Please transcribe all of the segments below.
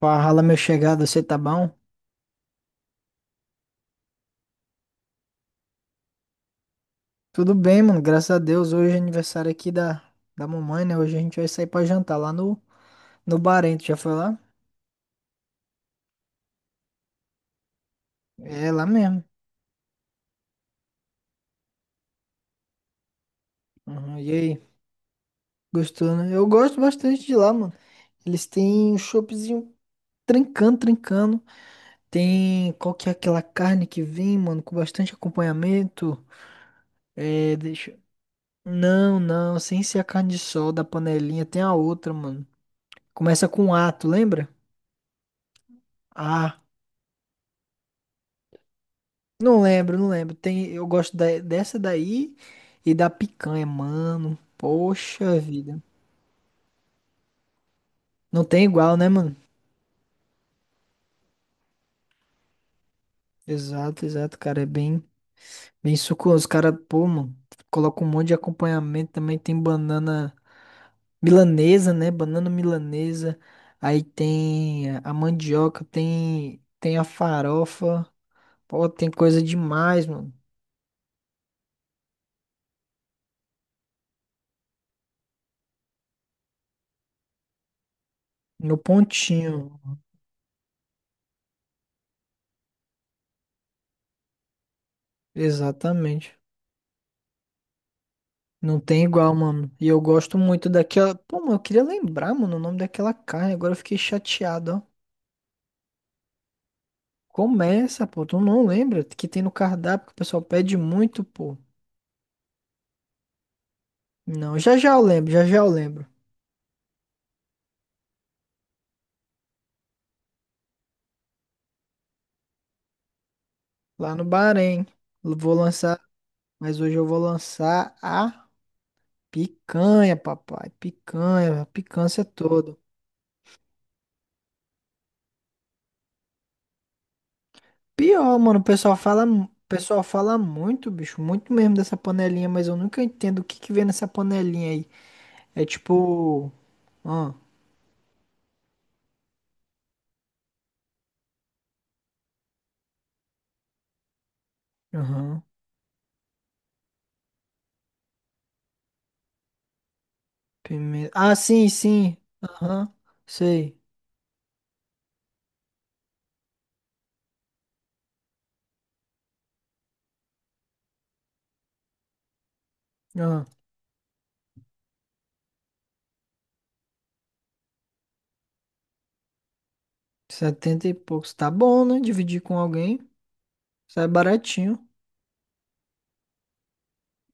Fala, meu chegado, você tá bom? Tudo bem, mano, graças a Deus. Hoje é aniversário aqui da, da mamãe, né? Hoje a gente vai sair pra jantar lá no, no Barento. Já foi lá? É, lá mesmo. Uhum. E aí? Gostou, né? Eu gosto bastante de lá, mano. Eles têm um choppzinho trincando, trincando. Tem qual que é aquela carne que vem, mano, com bastante acompanhamento. É, deixa. Não, não, sem ser a carne de sol da panelinha, tem a outra, mano. Começa com ato, lembra? A. Não lembro, não lembro. Tem, eu gosto dessa daí e da picanha, mano. Poxa vida. Não tem igual, né, mano? Exato, exato, cara. É bem, bem suculento. Os caras, pô, mano, colocam um monte de acompanhamento também. Tem banana milanesa, né? Banana milanesa. Aí tem a mandioca, tem, tem a farofa. Pô, tem coisa demais, mano. No pontinho. Exatamente. Não tem igual, mano. E eu gosto muito daquela. Pô, mano, eu queria lembrar, mano, o nome daquela carne. Agora eu fiquei chateado, ó. Começa, pô. Tu não lembra que tem no cardápio que o pessoal pede muito, pô. Não, já já eu lembro, já já eu lembro. Lá no Bahrein. Vou lançar. Mas hoje eu vou lançar a picanha, papai. Picanha, a picância toda. Pior, mano, o pessoal O pessoal fala muito, bicho. Muito mesmo dessa panelinha, mas eu nunca entendo o que que vem nessa panelinha aí. É tipo. Aham. Pimenta. Ah, sim, sim. Aham. Sei. Aham. 70 e poucos. Tá bom, né? Dividir com alguém. Sai baratinho.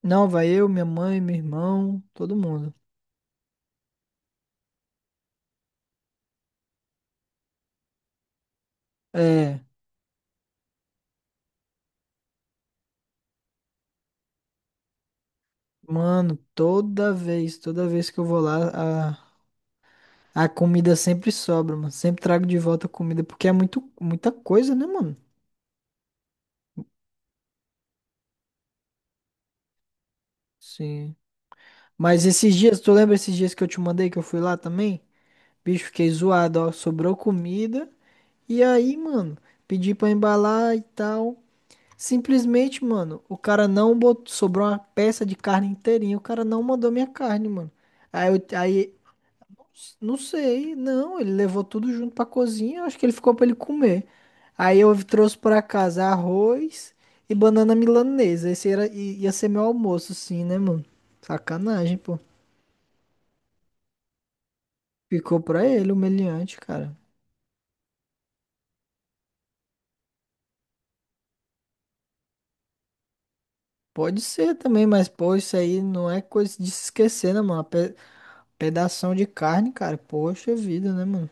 Não, vai eu, minha mãe, meu irmão, todo mundo. É. Mano, toda vez que eu vou lá, a comida sempre sobra, mano. Sempre trago de volta a comida, porque é muito, muita coisa, né, mano? Sim. Mas esses dias, tu lembra esses dias que eu te mandei que eu fui lá também? Bicho, fiquei zoado, ó. Sobrou comida. E aí, mano, pedi pra embalar e tal. Simplesmente, mano, o cara não botou, sobrou uma peça de carne inteirinha. O cara não mandou minha carne, mano. Aí, eu, aí, não sei, não, ele levou tudo junto pra cozinha. Acho que ele ficou pra ele comer. Aí eu trouxe pra casa arroz e banana milanesa. Esse era, ia ser meu almoço, sim, né, mano? Sacanagem, pô. Ficou pra ele, humilhante, cara. Pode ser também, mas, pô, isso aí não é coisa de se esquecer, né, mano? Pedação de carne, cara. Poxa vida, né, mano?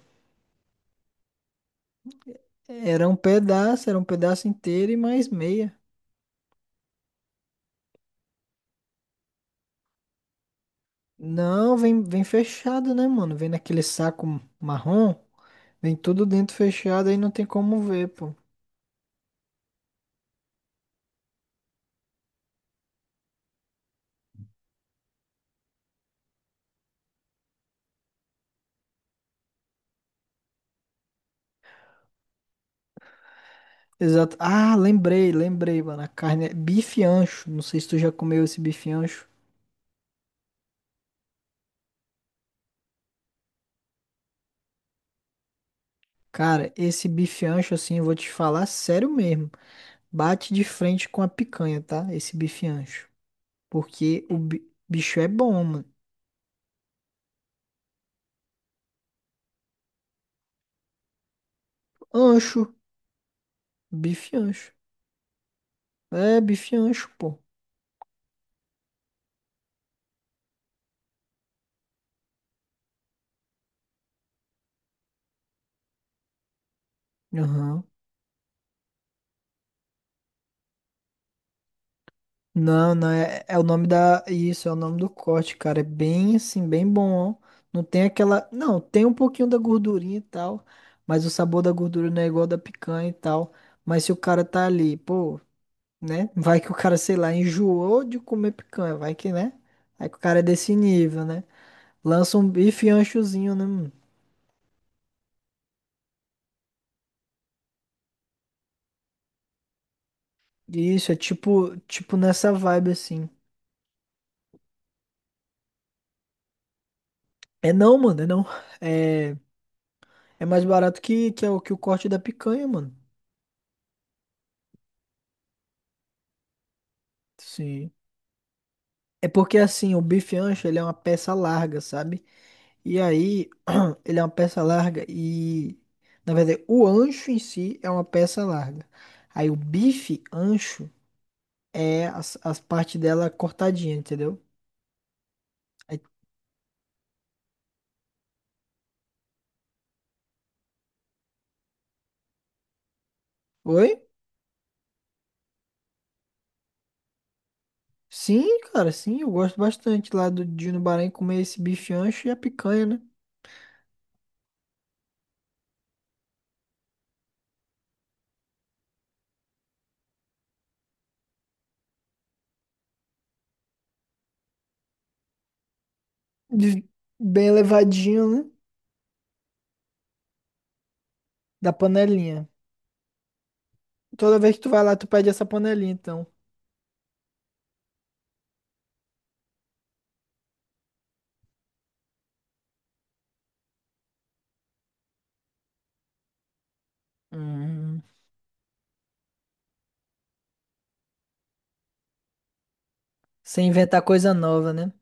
Era um pedaço inteiro e mais meia. Não, vem, vem fechado, né, mano? Vem naquele saco marrom. Vem tudo dentro fechado, aí não tem como ver, pô. Exato. Ah, lembrei, lembrei, mano. A carne é bife ancho. Não sei se tu já comeu esse bife ancho. Cara, esse bife ancho, assim, eu vou te falar sério mesmo. Bate de frente com a picanha, tá? Esse bife ancho. Porque o bicho é bom, mano. Ancho. Bife ancho. É, bife ancho, pô. Aham. Não, não, é, é o nome da. Isso, é o nome do corte, cara. É bem assim, bem bom, ó. Não tem aquela. Não, tem um pouquinho da gordurinha e tal. Mas o sabor da gordura não é igual da picanha e tal. Mas se o cara tá ali, pô, né? Vai que o cara, sei lá, enjoou de comer picanha. Vai que, né? Aí que o cara é desse nível, né? Lança um bife anchozinho, né? Mano? Isso, é tipo, tipo nessa vibe assim. É não, mano, é não. É. É mais barato que, é o, que o corte da picanha, mano. Sim. É porque assim, o bife ancho, ele é uma peça larga, sabe? E aí, ele é uma peça larga e... Na verdade, o ancho em si é uma peça larga. Aí o bife ancho é as, as partes dela cortadinha, entendeu? Aí- Oi? Sim, cara, sim, eu gosto bastante lá do de ir no Bahrein comer esse bife ancho e a picanha, né? De- Bem levadinho, né? Da panelinha. Toda vez que tu vai lá, tu pede essa panelinha, então. Hum, sem inventar coisa nova, né?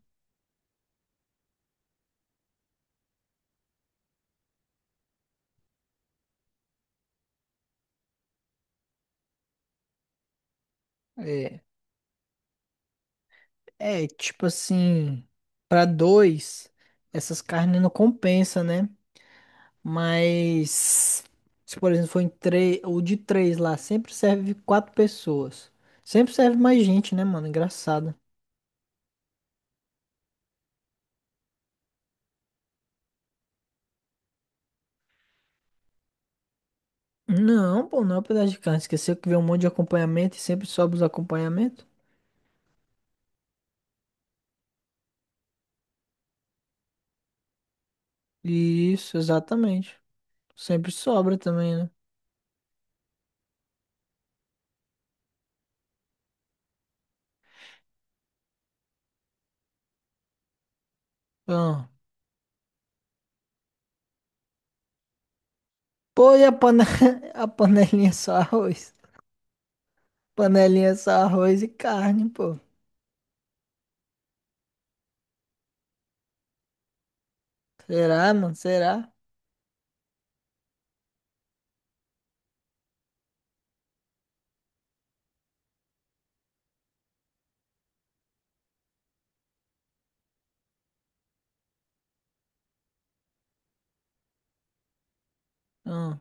É, é tipo assim, pra dois, essas carnes não compensa, né? Mas se por exemplo for em três, o de três lá sempre serve quatro pessoas. Sempre serve mais gente, né, mano? Engraçado. Não, pô, não é um pedaço de carne. Esqueceu que vem um monte de acompanhamento e sempre sobra os acompanhamentos? Isso, exatamente. Sempre sobra também, né? Ah. Pô, e a, pane... a panelinha é só arroz? Panelinha é só arroz e carne, pô. Será, mano? Será? Hum.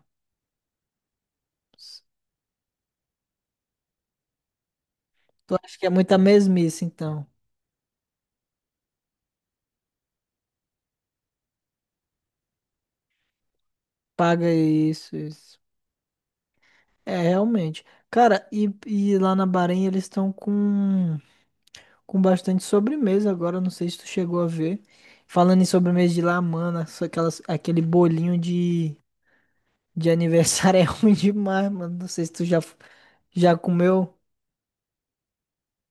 Tu acha que é muita mesmice, então? Paga isso, isso. É, realmente. Cara, e lá na Bahrein eles estão com bastante sobremesa agora. Não sei se tu chegou a ver. Falando em sobremesa de lá, mano, só aquelas, aquele bolinho de aniversário é ruim demais, mano. Não sei se tu já, já comeu.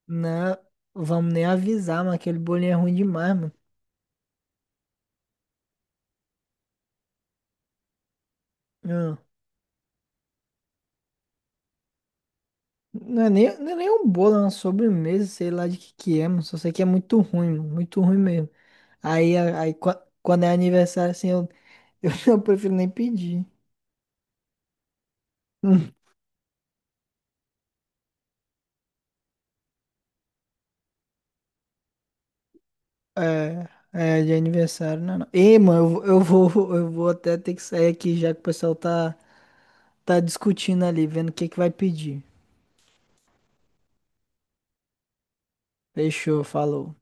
Não, vamos nem avisar, mano. Aquele bolinho é ruim demais, mano. Hum. Não é nem, não é nem um bolo, é uma sobremesa, sei lá de que é, mano. Só sei que é muito ruim, mano, muito ruim mesmo. Aí, quando é aniversário, assim, eu, eu prefiro nem pedir. Hum. É, é de aniversário, não, é não. Ei, mano, eu vou, eu vou até ter que sair aqui já que o pessoal tá, tá discutindo ali, vendo o que que vai pedir. Fechou, falou.